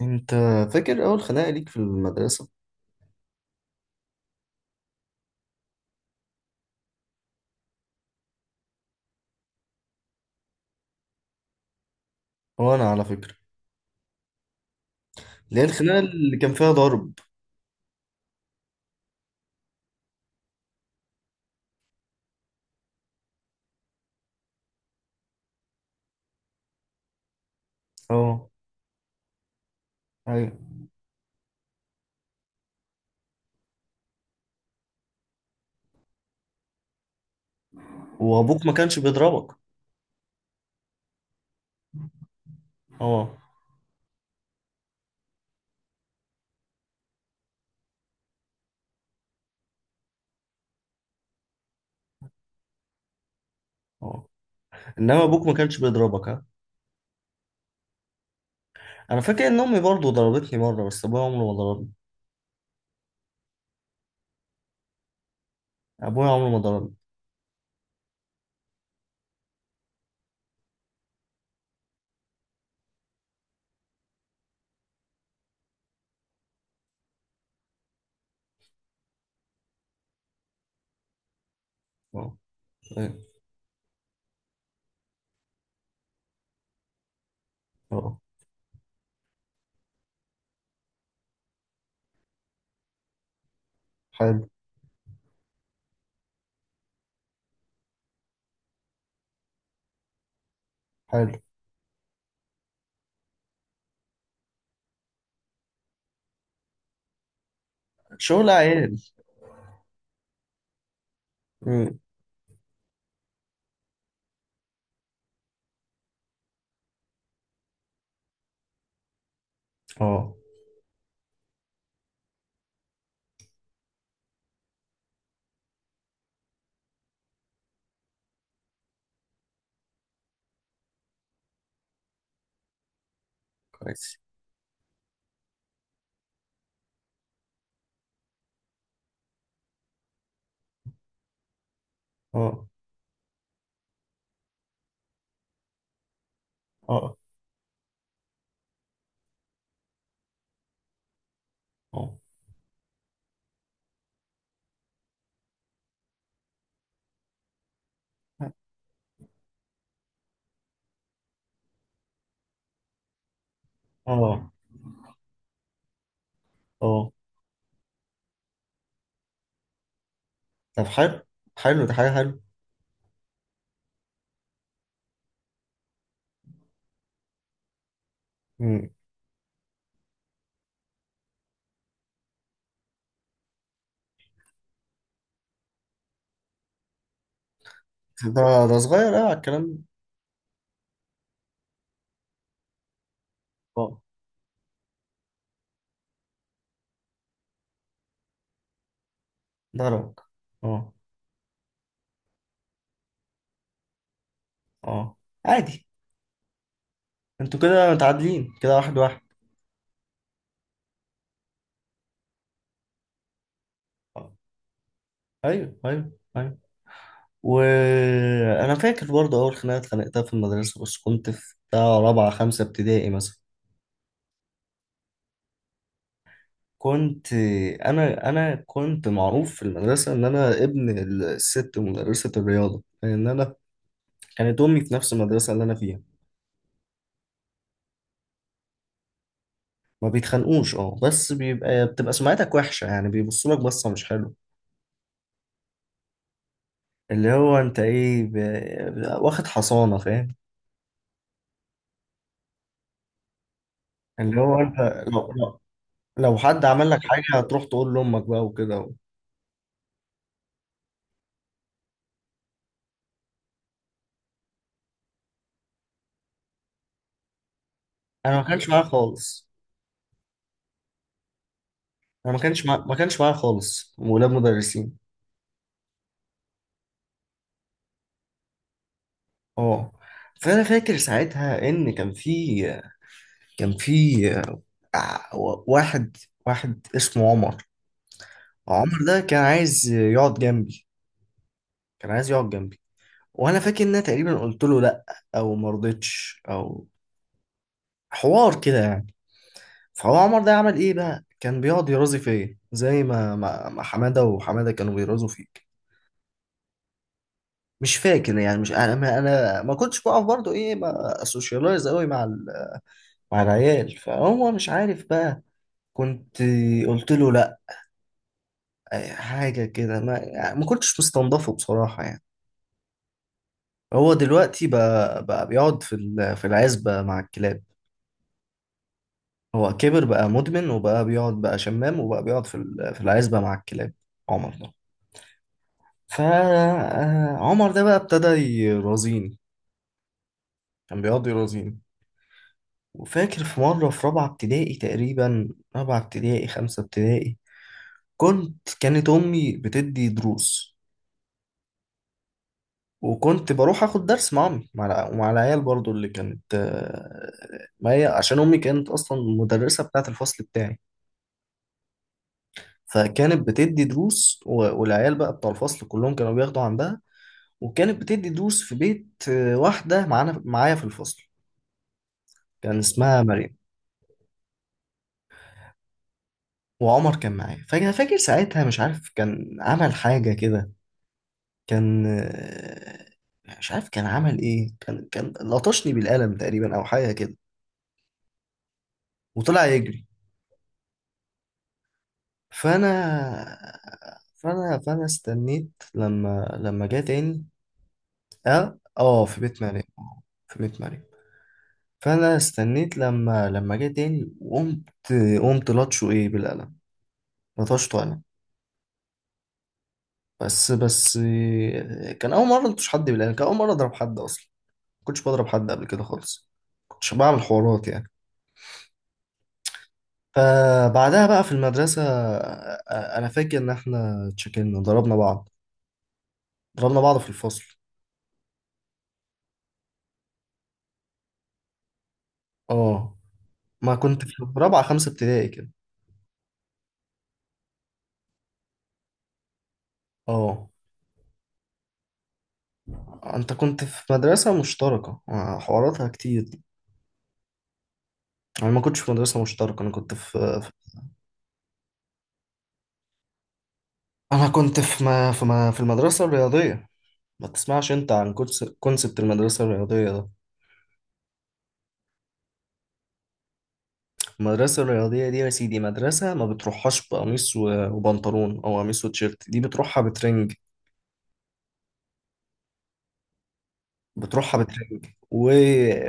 انت فاكر اول خناقه ليك في المدرسه؟ وانا على فكره، اللي هي الخناقه اللي كان فيها ضرب. اه. ايوه. وابوك ما كانش بيضربك؟ اه، اه. انما ابوك ما كانش بيضربك، ها؟ انا فاكر ان امي برضه ضربتني مره، بس ابويا عمره ما ضربني. ابويا عمره ما ضربني. اه، ايوه، اه. حلو، حلو. شغل عيال. مم. اه، كويس. اه، اه، اه، اه، اه. طب حلو. حلو ده حاجه حلوه. مم. ده ده صغير قوي على الكلام. ده ضربك؟ اه، اه. عادي. انتوا كده متعادلين، كده واحد واحد. آه. ايوه، ايوه، ايوه. وانا فاكر برضه اول خناقه اتخانقتها في المدرسه، بس كنت في بتاع رابعه خمسه ابتدائي مثلا. كنت انا كنت معروف في المدرسه ان انا ابن الست مدرسه الرياضه، لان كانت امي في نفس المدرسه اللي انا فيها. ما بيتخانقوش، اه، بس بتبقى سمعتك وحشه، يعني بيبصوا لك بصه مش حلوه. اللي هو انت ايه، واخد حصانه، فاهم؟ اللي هو انت، لو لو لو حد عمل لك حاجه هتروح تقول لامك بقى وكده. انا ما كانش معايا خالص، انا ما كانش معايا خالص ولاد مدرسين. اه. فانا فاكر ساعتها ان كان في آه، واحد واحد اسمه عمر. عمر ده كان عايز يقعد جنبي، كان عايز يقعد جنبي. وانا فاكر ان انا تقريبا قلت له لا، او ما رضيتش، او حوار كده يعني. فهو عمر ده عمل ايه بقى، كان بيقعد يرازي فيا زي ما حماده وحماده كانوا بيرازوا فيك. مش فاكر يعني، مش انا ما كنتش بقف برضو، ايه، ما اسوشيالايز قوي مع مع العيال، فهو مش عارف بقى. كنت قلت له لا، حاجه كده، ما يعني ما كنتش مستنضفه بصراحه يعني. هو دلوقتي بقى بيقعد في في العزبه مع الكلاب. هو كبر بقى مدمن، وبقى بيقعد بقى شمام، وبقى بيقعد في في العزبه مع الكلاب. عمر فعمر ده بقى ابتدى يرازيني، كان بيقعد يرازيني. وفاكر في مرة في رابعة ابتدائي تقريبا، رابعة ابتدائي خمسة ابتدائي. كانت أمي بتدي دروس. وكنت بروح آخد درس مع أمي، مع ومع العيال برضو، اللي كانت ما هي عشان أمي كانت أصلا المدرسة بتاعة الفصل بتاعي. فكانت بتدي دروس والعيال بقى بتاع الفصل كلهم كانوا بياخدوا عندها. وكانت بتدي دروس في بيت واحدة معايا في الفصل. كان اسمها مريم. وعمر كان معايا، فاكر ساعتها، مش عارف كان عمل حاجة كده. كان آه، مش عارف كان عمل ايه، كان لطشني بالقلم تقريبا او حاجة كده. وطلع يجري. فانا فانا استنيت لما جه تاني. اه، اه. في بيت مريم، في بيت مريم. فانا استنيت لما جه تاني وقمت لطشه ايه بالقلم. لطشته انا. بس كان اول مرة لطش حد بالقلم، كان اول مرة اضرب حد اصلا. كنتش بضرب حد قبل كده خالص، كنتش بعمل حوارات يعني. فبعدها بقى في المدرسة، أنا فاكر إن إحنا اتشكلنا ضربنا بعض، ضربنا بعض في الفصل. اه، ما كنت في رابعة خمسة ابتدائي كده. اه. أنت كنت في مدرسة مشتركة، حواراتها كتير؟ أنا ما كنتش في مدرسة مشتركة، أنا كنت في- أنا كنت في المدرسة الرياضية. ما تسمعش أنت عن كونسبت المدرسة الرياضية ده؟ المدرسة الرياضية دي يا سيدي، مدرسة ما بتروحهاش بقميص وبنطلون، أو قميص وتيشيرت. دي بتروحها بترنج. بتروحها بترنج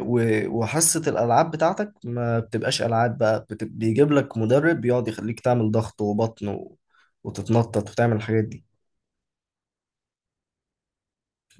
و... وحصة الألعاب بتاعتك ما بتبقاش ألعاب بقى، بيجيب لك مدرب بيقعد يخليك تعمل ضغط وبطن وتتنطط وتعمل الحاجات دي.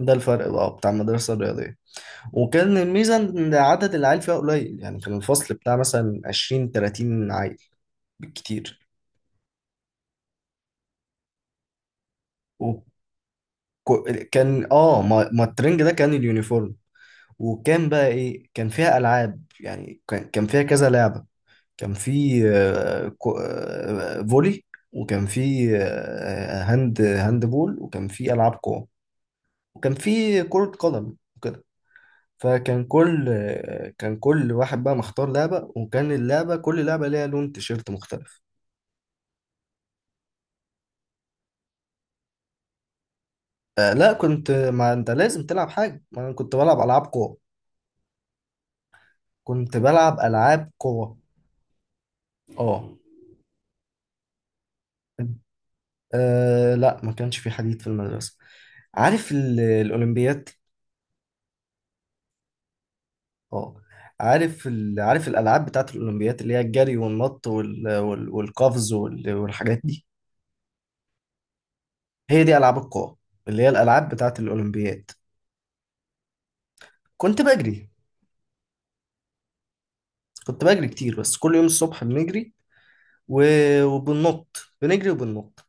ده الفرق بقى بتاع المدرسة الرياضية. وكان الميزة إن عدد العيال فيها قليل، يعني كان الفصل بتاع مثلا 20 30 عيل بالكتير. وكان ما الترنج ده كان اليونيفورم. وكان بقى ايه كان فيها العاب، يعني كان فيها كذا لعبه. كان في فولي. وكان في هاند بول، وكان في العاب قوه. وكان في كره قدم وكده. فكان كل آه، كان كل واحد بقى مختار لعبه. وكان كل لعبه ليها لون تيشيرت مختلف. لا، ما انت لازم تلعب حاجه، ما انا كنت بلعب العاب قوه. كنت بلعب العاب قوه. اه. آه لا، ما كانش في حديد في المدرسة. عارف الأولمبياد؟ اه. عارف الألعاب بتاعت الأولمبياد، اللي هي الجري والنط والقفز والحاجات دي. هي دي ألعاب القوى، اللي هي الألعاب بتاعت الأولمبياد. كنت بجري. كنت بجري كتير، بس كل يوم الصبح بنجري و... وبننط. بنجري وبننط.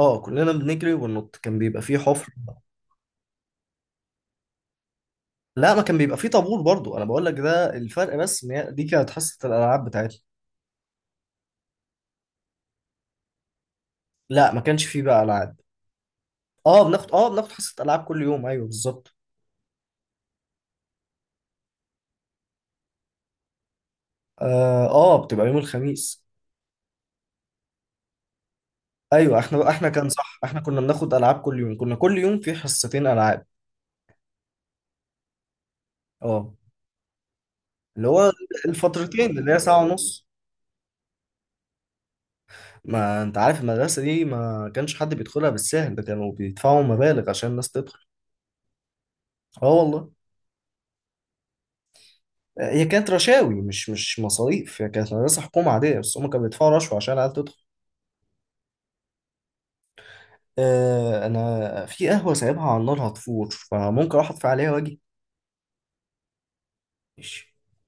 اه كلنا بنجري وبننط، كان بيبقى فيه حفر. لا، ما كان بيبقى فيه طابور برضو، انا بقول لك ده الفرق، بس ان هي دي كانت حصة الالعاب بتاعتنا. لا ما كانش فيه بقى العاب. اه، بناخد حصة ألعاب كل يوم، ايوه، بالظبط. اه، بتبقى يوم الخميس. ايوه احنا كان، صح، احنا كنا بناخد ألعاب كل يوم، كنا كل يوم في حصتين ألعاب. اه، اللي هو الفترتين، اللي هي ساعة ونص. ما انت عارف المدرسة دي ما كانش حد بيدخلها بالسهل ده، كانوا بيدفعوا مبالغ عشان الناس تدخل. اه والله. هي كانت رشاوي، مش مصاريف. هي كانت مدرسة حكومة عادية، بس هم كانوا بيدفعوا رشوة عشان العيال تدخل. آه، انا في قهوة سايبها على النار هتفور، فممكن اروح اطفي عليها واجي. ماشي.